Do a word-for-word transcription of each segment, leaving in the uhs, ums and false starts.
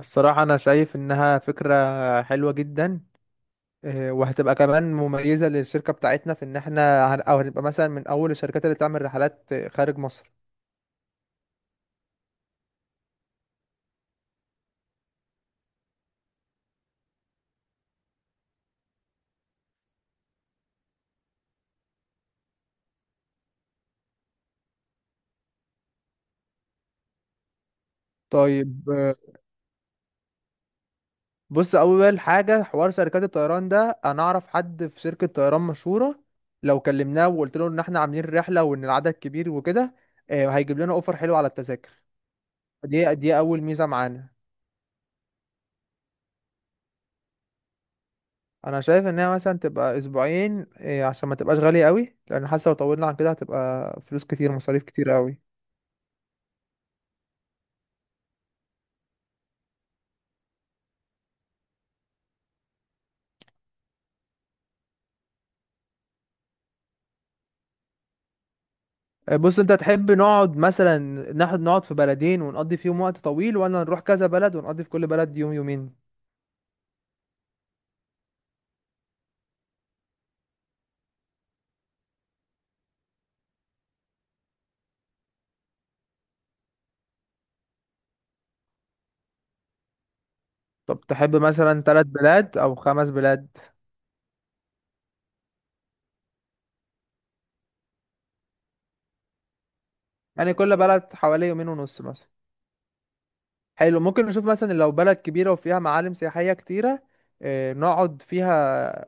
الصراحة أنا شايف إنها فكرة حلوة جدا، آه، وهتبقى كمان مميزة للشركة بتاعتنا، في إن إحنا هن- أو هنبقى مثلا من أول الشركات اللي تعمل رحلات آه، خارج مصر. طيب آه، بص، أول حاجة حوار شركات الطيران ده، أنا أعرف حد في شركة طيران مشهورة، لو كلمناه وقلت له إن إحنا عاملين رحلة وإن العدد كبير وكده، آه، هيجيب لنا أوفر حلو على التذاكر. دي دي أول ميزة معانا. انا شايف ان هي مثلا تبقى اسبوعين، إيه، عشان ما تبقاش غالية قوي، لان حاسه لو طولنا عن كده هتبقى فلوس كتير، مصاريف كتير قوي. إيه، بص، انت تحب نقعد مثلا ناخد نقعد في بلدين ونقضي فيهم وقت طويل، ولا نروح كذا بلد ونقضي في كل بلد يوم يومين؟ طب تحب مثلا ثلاث بلاد او خمس بلاد؟ يعني كل بلد حوالي يومين ونص مثلا. حلو، ممكن نشوف مثلا لو بلد كبيرة وفيها معالم سياحية كتيرة، إيه، نقعد فيها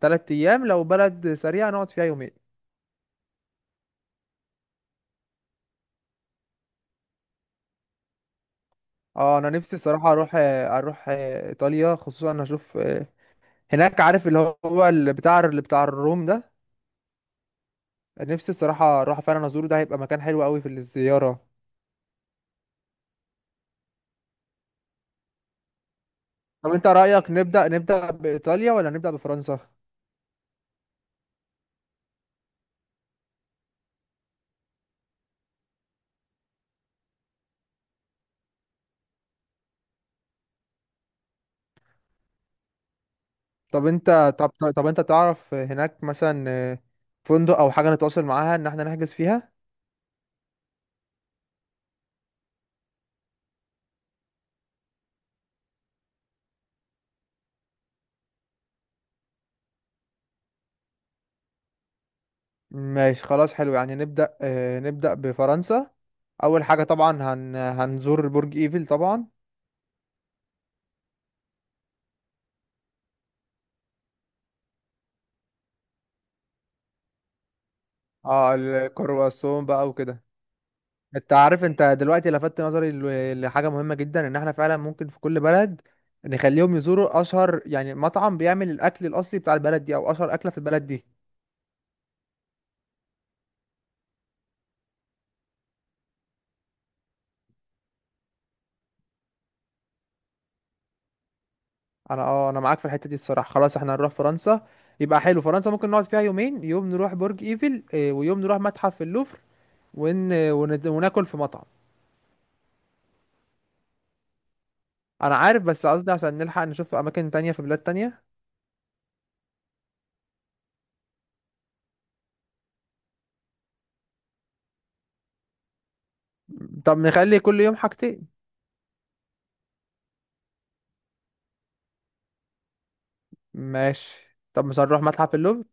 ثلاث ايام، لو بلد سريعة نقعد فيها يومين. اه، انا نفسي الصراحه اروح آه، اروح آه، ايطاليا، خصوصا انا اشوف آه، هناك، عارف اللي هو اللي بتاع اللي بتاع الروم ده. نفسي الصراحه اروح فعلا ازوره، ده هيبقى مكان حلو قوي في الزياره. طب انت رايك نبدا نبدا بايطاليا ولا نبدا بفرنسا؟ طب انت طب طب طب انت تعرف هناك مثلا آه، فندق او حاجه نتواصل معاها ان احنا نحجز فيها؟ ماشي، خلاص حلو. يعني نبدا آه، نبدا بفرنسا. اول حاجه طبعا هن هنزور برج ايفل طبعا. اه، الكرواسون بقى وكده. انت عارف، انت دلوقتي لفتت نظري ل- لحاجه مهمه جدا، ان احنا فعلا ممكن في كل بلد نخليهم يزوروا اشهر يعني مطعم بيعمل الاكل الاصلي بتاع البلد دي، او اشهر اكله في البلد دي. انا اه انا معاك في الحته دي الصراحه. خلاص احنا هنروح فرنسا، يبقى حلو. فرنسا ممكن نقعد فيها يومين، يوم نروح برج ايفل اه، ويوم نروح متحف اللوفر ون... ون... وناكل في مطعم. انا عارف، بس قصدي عشان نلحق نشوف اماكن تانية في بلاد تانية. طب نخلي كل يوم حاجتين. ماشي. طب مش هنروح متحف اللوفر؟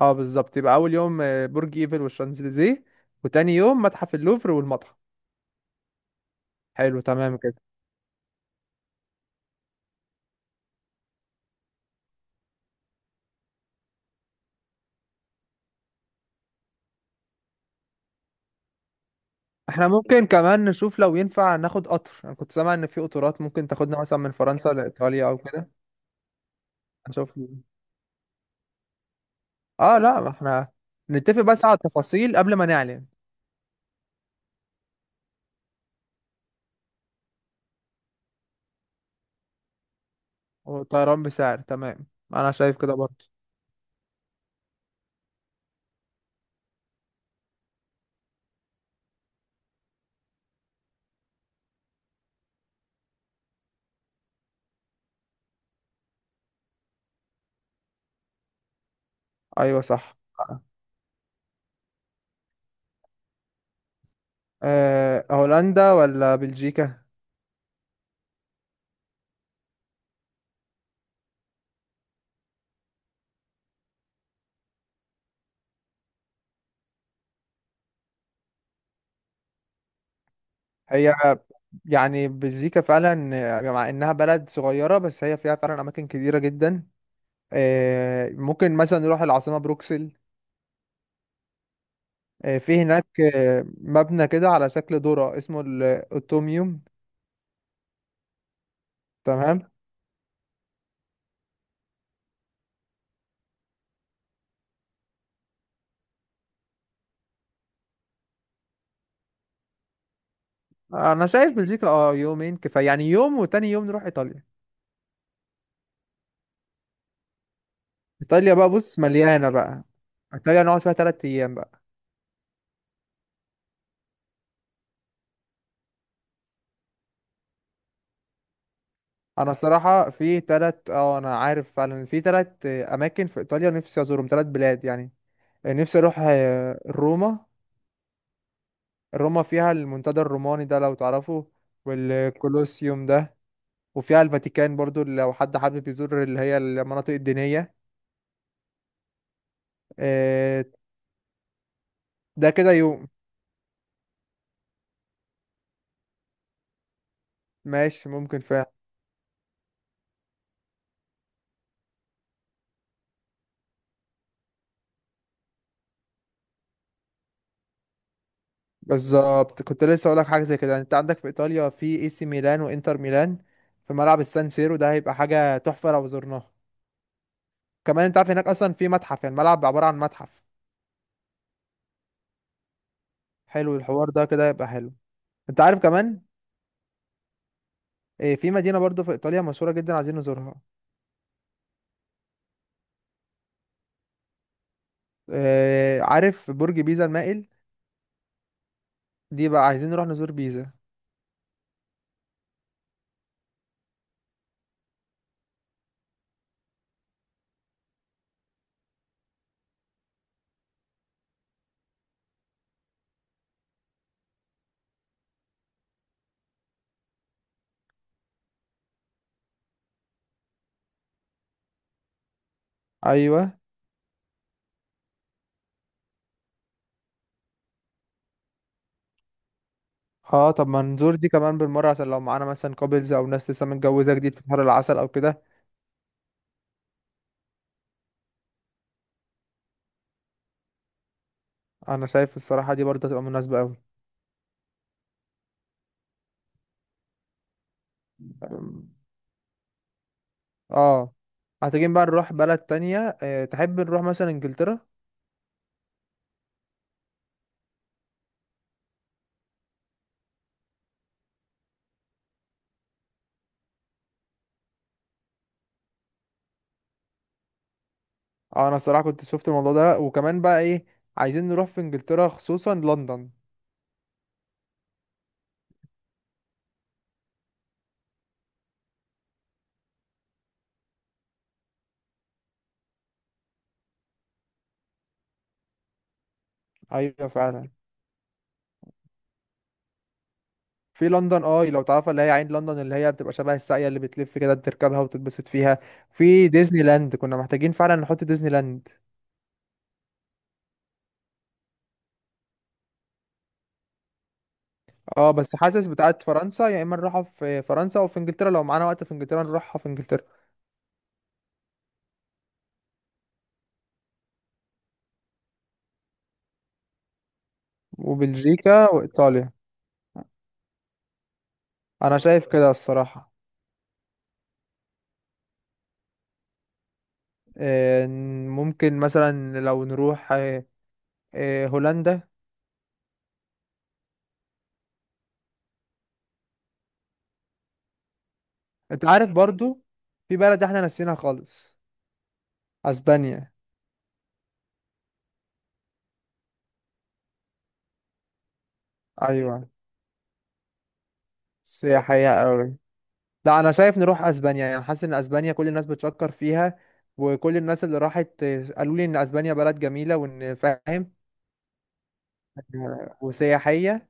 اه بالظبط، يبقى اول يوم آه، برج ايفل والشانزليزيه، وتاني يوم متحف اللوفر والمتحف. حلو، تمام كده. احنا ممكن كمان نشوف لو ينفع ناخد قطر، انا كنت سامع ان في قطارات ممكن تاخدنا مثلا من فرنسا لايطاليا او كده. نشوف. اه لا، ما احنا نتفق بس على التفاصيل قبل ما نعلن. والطيران بسعر، تمام. انا شايف كده برضه. ايوه صح. أه، هولندا ولا بلجيكا؟ هي يعني بلجيكا فعلا آه، مع انها بلد صغيرة، بس هي فيها فعلا اماكن كتيرة جدا. آه، ممكن مثلا نروح العاصمة بروكسل. آه، في هناك آه، مبنى كده على شكل ذرة اسمه ال- الأوتوميوم. تمام. انا شايف بلجيكا اه يومين كفاية، يعني يوم، وتاني يوم نروح ايطاليا. ايطاليا بقى بص مليانة بقى، ايطاليا نقعد فيها تلات ايام بقى. انا الصراحة في تلات اه انا عارف فعلا في تلات آه، اماكن في ايطاليا نفسي ازورهم، تلات بلاد يعني. آه، نفسي اروح آه، روما. روما فيها المنتدى الروماني ده لو تعرفه، والكولوسيوم ده، وفيها الفاتيكان برضو لو حد حابب يزور اللي هي المناطق الدينية. آه، ده كده يوم. ماشي، ممكن فعلا. بالظبط، كنت لسه اقولك حاجة زي كده. يعني انت عندك في ايطاليا، في اي سي ميلان وانتر ميلان، في ملعب السان سيرو ده هيبقى حاجة تحفة لو زرناه. كمان انت عارف هناك اصلا في متحف، يعني الملعب عبارة عن متحف. حلو الحوار ده كده، يبقى حلو. انت عارف كمان آه، في مدينة برضو في ايطاليا مشهورة جدا عايزين نزورها. آه، عارف برج بيزا المائل؟ دي بقى عايزين نروح نزور بيزا. ايوه، اه، طب ما نزور دي كمان بالمرة، عشان لو معانا مثلا كابلز او ناس لسه متجوزة جديد في بحر العسل او كده. انا شايف الصراحة دي برضه هتبقى مناسبة اوي. أم، اه، محتاجين بقى نروح بلد تانية. اه تحب نروح مثلا انجلترا؟ اه، انا الصراحة كنت شفت الموضوع ده، وكمان بقى ايه، عايزين نروح في انجلترا خصوصا لندن. ايوه فعلا. في لندن اه لو تعرفها، اللي هي عين لندن، اللي هي بتبقى شبه الساقية اللي بتلف كده، تركبها وتتبسط فيها. في ديزني لاند، كنا محتاجين فعلا نحط ديزني لاند. اه بس حاسس بتاعت فرنسا، يا اما نروحها في فرنسا او في انجلترا، لو معانا وقت في انجلترا نروحها في انجلترا. وبلجيكا وايطاليا. انا شايف كده الصراحة. آه، ممكن مثلا لو نروح آه، آه، هولندا. انت عارف برضو في بلد احنا نسيناها خالص: اسبانيا. ايوه، سياحية قوي. لا، انا شايف نروح اسبانيا، يعني حاسس ان اسبانيا كل الناس بتشكر فيها، وكل الناس اللي راحت آه، قالوا لي ان اسبانيا بلد جميلة وان فاهم. آه، وسياحية.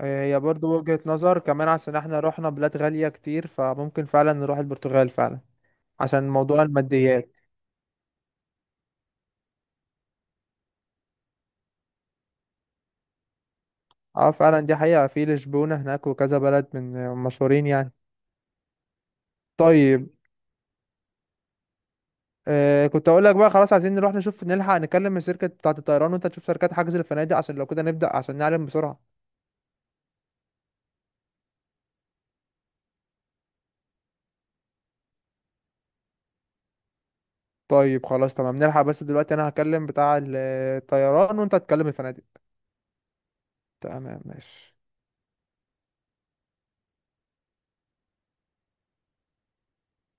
هي برضو وجهة نظر كمان، عشان احنا رحنا بلاد غالية كتير، فممكن فعلا نروح البرتغال فعلا، عشان موضوع الماديات. اه فعلا، دي حقيقة، في لشبونة هناك وكذا بلد من مشهورين يعني. طيب آه كنت اقول لك بقى، خلاص عايزين نروح نشوف، نلحق نكلم الشركة بتاعة الطيران، وانت تشوف شركات حجز الفنادق، عشان لو كده نبدأ عشان نعلم بسرعة. طيب خلاص تمام، نلحق. بس دلوقتي انا هكلم بتاع ال- الطيران، وانت هتكلم الفنادق. تمام ماشي.